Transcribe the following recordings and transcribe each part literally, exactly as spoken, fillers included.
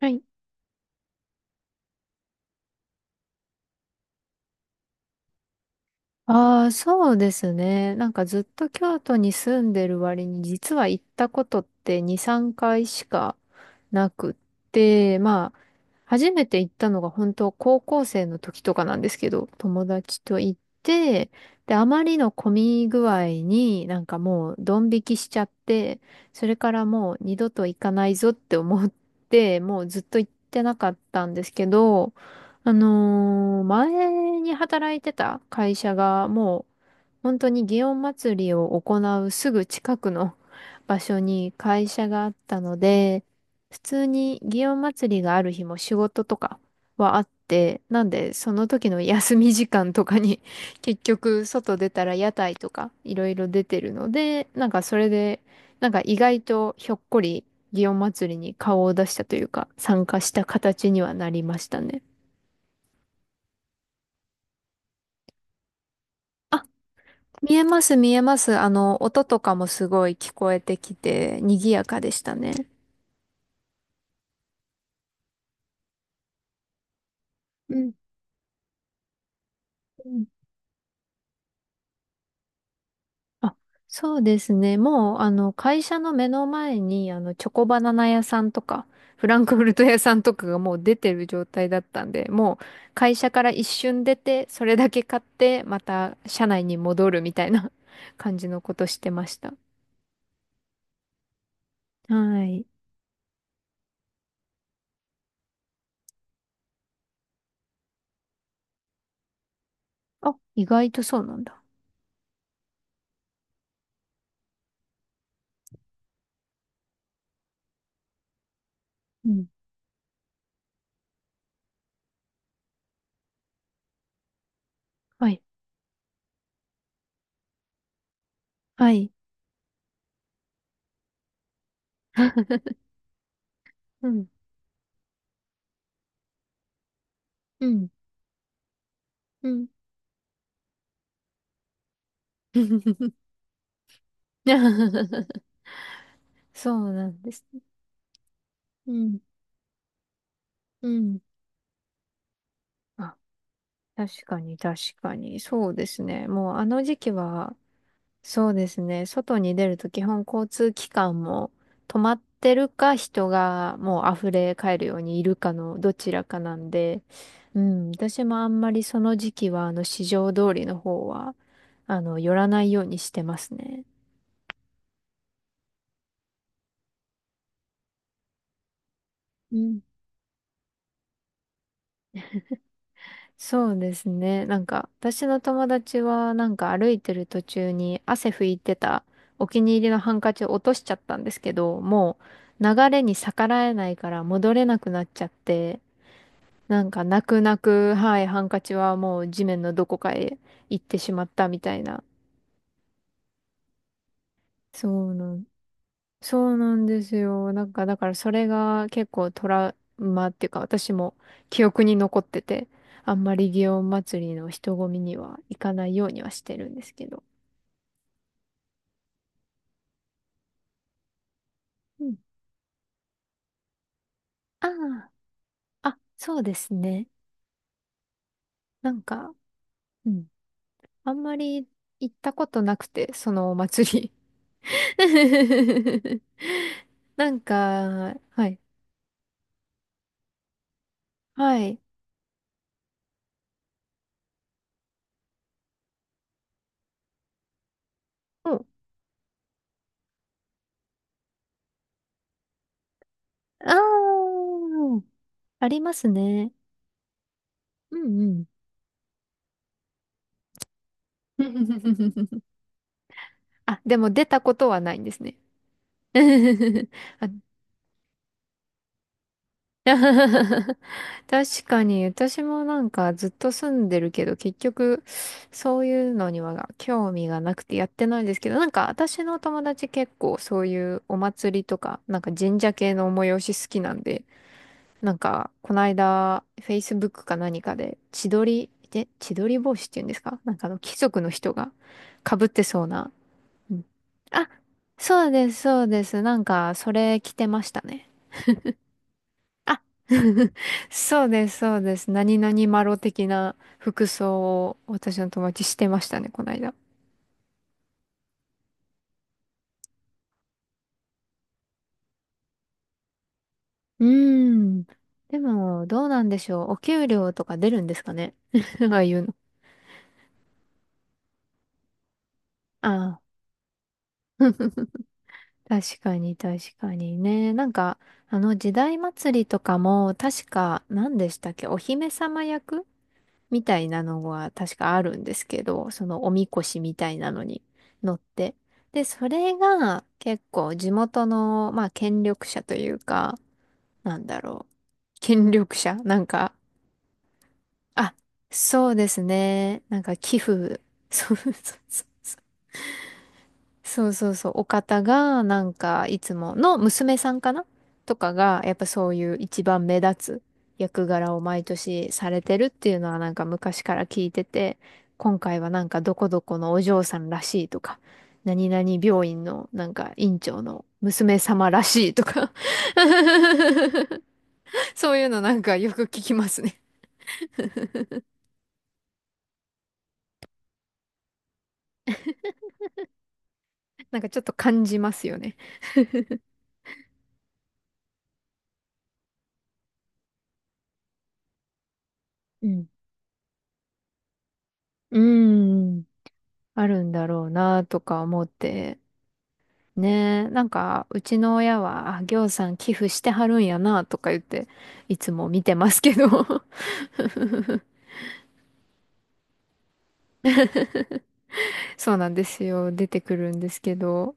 はい。ああ、そうですね。なんかずっと京都に住んでる割に、実は行ったことってに、さんかいしかなくって、まあ、初めて行ったのが本当高校生の時とかなんですけど、友達と行って、で、あまりの混み具合になんかもうドン引きしちゃって、それからもう二度と行かないぞって思って、もうずっと行ってなかったんですけど、あのー前に働いてた会社がもう本当に祇園祭りを行うすぐ近くの 場所に会社があったので、普通に祇園祭りがある日も仕事とかはあって、なんでその時の休み時間とかに 結局外出たら屋台とかいろいろ出てるので、なんかそれでなんか意外とひょっこり祇園祭りに顔を出したというか参加した形にはなりましたね。見えます、見えます。あの、音とかもすごい聞こえてきて、賑やかでしたね。うんうん。あ、そうですね。もう、あの、会社の目の前に、あの、チョコバナナ屋さんとか、フランクフルト屋さんとかがもう出てる状態だったんで、もう、会社から一瞬出て、それだけ買って、また、社内に戻るみたいな 感じのことしてました。はい。あ、意外とそうなんだ。うん。はい。はい。うん。うん。うん。そうなんですね。うん、うん。あ、確かに、確かに。そうですね。もうあの時期は、そうですね。外に出ると基本交通機関も止まってるか、人がもう溢れ返るようにいるかのどちらかなんで、うん、私もあんまりその時期は、あの、市場通りの方は、あの、寄らないようにしてますね。うん、そうですね。なんか、私の友達は、なんか歩いてる途中に汗拭いてたお気に入りのハンカチを落としちゃったんですけど、もう流れに逆らえないから戻れなくなっちゃって、なんか泣く泣く、はい、ハンカチはもう地面のどこかへ行ってしまったみたいな。そうなんそうなんですよ。なんか、だからそれが結構トラウマっていうか、私も記憶に残ってて、あんまり祇園祭りの人混みには行かないようにはしてるんですけど。うん。ああ、あ、そうですね。なんか、うん。あんまり行ったことなくて、そのお祭り。なんか、はい。はい。うん。ああ、ありますね。うんうん。あ、でも出たことはないんですね。あ。 確かに、私もなんかずっと住んでるけど、結局、そういうのには興味がなくてやってないんですけど、なんか私の友達結構そういうお祭りとか、なんか神社系の催し好きなんで、なんか、この間、Facebook か何かで、千鳥、で千鳥帽子っていうんですか、なんかあの貴族の人が被ってそうな。うん。あ、そうです、そうです。なんか、それ着てましたね。あ。 そうです、そうです。何々マロ的な服装を私の友達してましたね、この間。うーん。でも、どうなんでしょう。お給料とか出るんですかね。ああいうの。ああ。確かに、確かにね。なんか、あの、時代祭りとかも、確か、何でしたっけ、お姫様役みたいなのが確かあるんですけど、そのおみこしみたいなのに乗って。で、それが結構地元の、まあ、権力者というか、なんだろう。権力者なんか、あ、そうですね。なんか寄付、そうそうそう。そうそうそう、お方が、なんか、いつもの娘さんかなとかが、やっぱそういう一番目立つ役柄を毎年されてるっていうのはなんか昔から聞いてて、今回はなんかどこどこのお嬢さんらしいとか、何々病院のなんか院長の娘様らしいとか。 そういうのなんかよく聞きますね。なんかちょっと感じますよね。うん。うーん。あるんだろうなとか思って。ねえ、なんか、うちの親は、あ、ぎょうさん寄付してはるんやな、とか言って、いつも見てますけど。そうなんですよ。出てくるんですけど。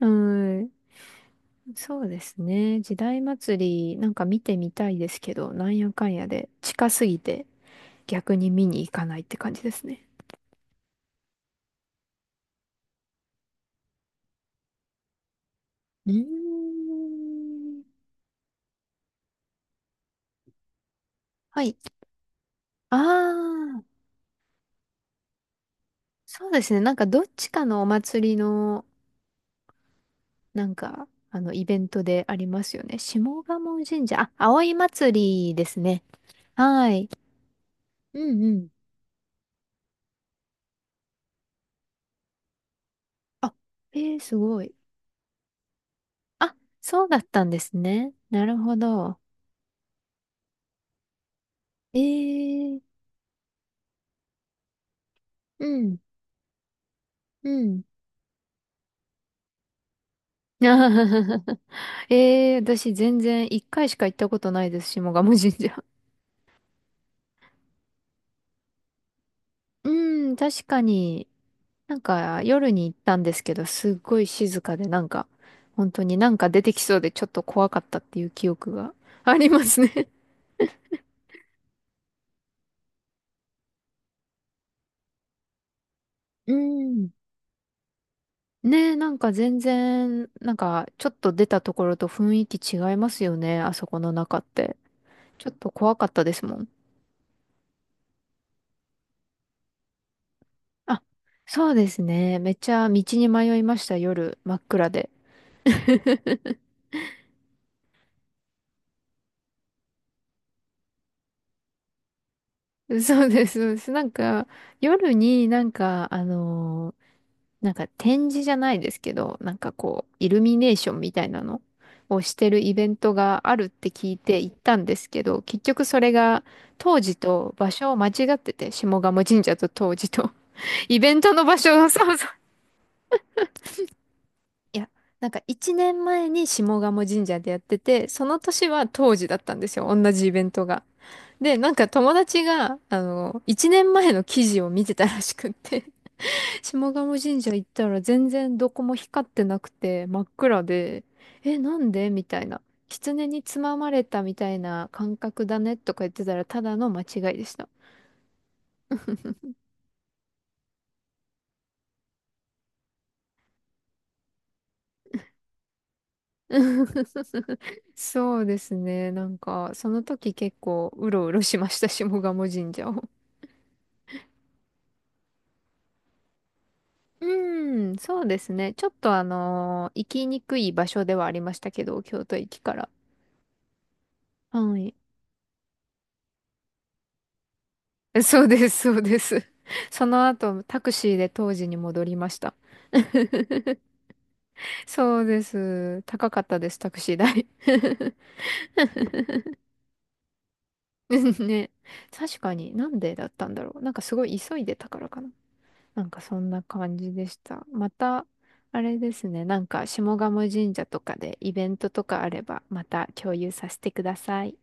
うん。そうですね。時代祭り、なんか見てみたいですけど、なんやかんやで、近すぎて、逆に見に行かないって感じですね。うーん。はい。ああ、そうですね。なんかどっちかのお祭りのなんか、あの、イベントでありますよね。下鴨神社。あ、葵祭りですね。はい。うんうん。あ、えー、すごい。あ、そうだったんですね。なるほど。えー、うん、うん。えー、私全然一回しか行ったことないです、下鴨神社。うん、確かに、なんか夜に行ったんですけど、すっごい静かで、なんか、本当になんか出てきそうでちょっと怖かったっていう記憶が ありますね。うん。ねえ、なんか全然、なんかちょっと出たところと雰囲気違いますよね、あそこの中って。ちょっと怖かったですもん。あ、そうですね。めっちゃ道に迷いました、夜、真っ暗で。そうです、そうです。なんか、夜になんか、あのーなんか展示じゃないですけど、なんかこう、イルミネーションみたいなのをしてるイベントがあるって聞いて行ったんですけど、結局それが当時と場所を間違ってて、下鴨神社と当時と、イベントの場所を、そうそう。いや、なんかいちねんまえに下鴨神社でやってて、その年は当時だったんですよ、同じイベントが。で、なんか友達が、あの、いちねんまえの記事を見てたらしくって、下鴨神社行ったら全然どこも光ってなくて真っ暗で、え、なんでみたいな。狐につままれたみたいな感覚だねとか言ってたらただの間違いでした。そうですね。なんか、その時結構うろうろしました、下鴨神社を。うん、そうですね。ちょっとあのー行きにくい場所ではありましたけど、京都駅から。はい。そうです、そうです。その後、タクシーで当時に戻りました。そうです。高かったです、タクシー代。ね。確かに、なんでだったんだろう。なんかすごい急いでたからかな。なんかそんな感じでした。また、あれですね。なんか、下鴨神社とかでイベントとかあれば、また共有させてください。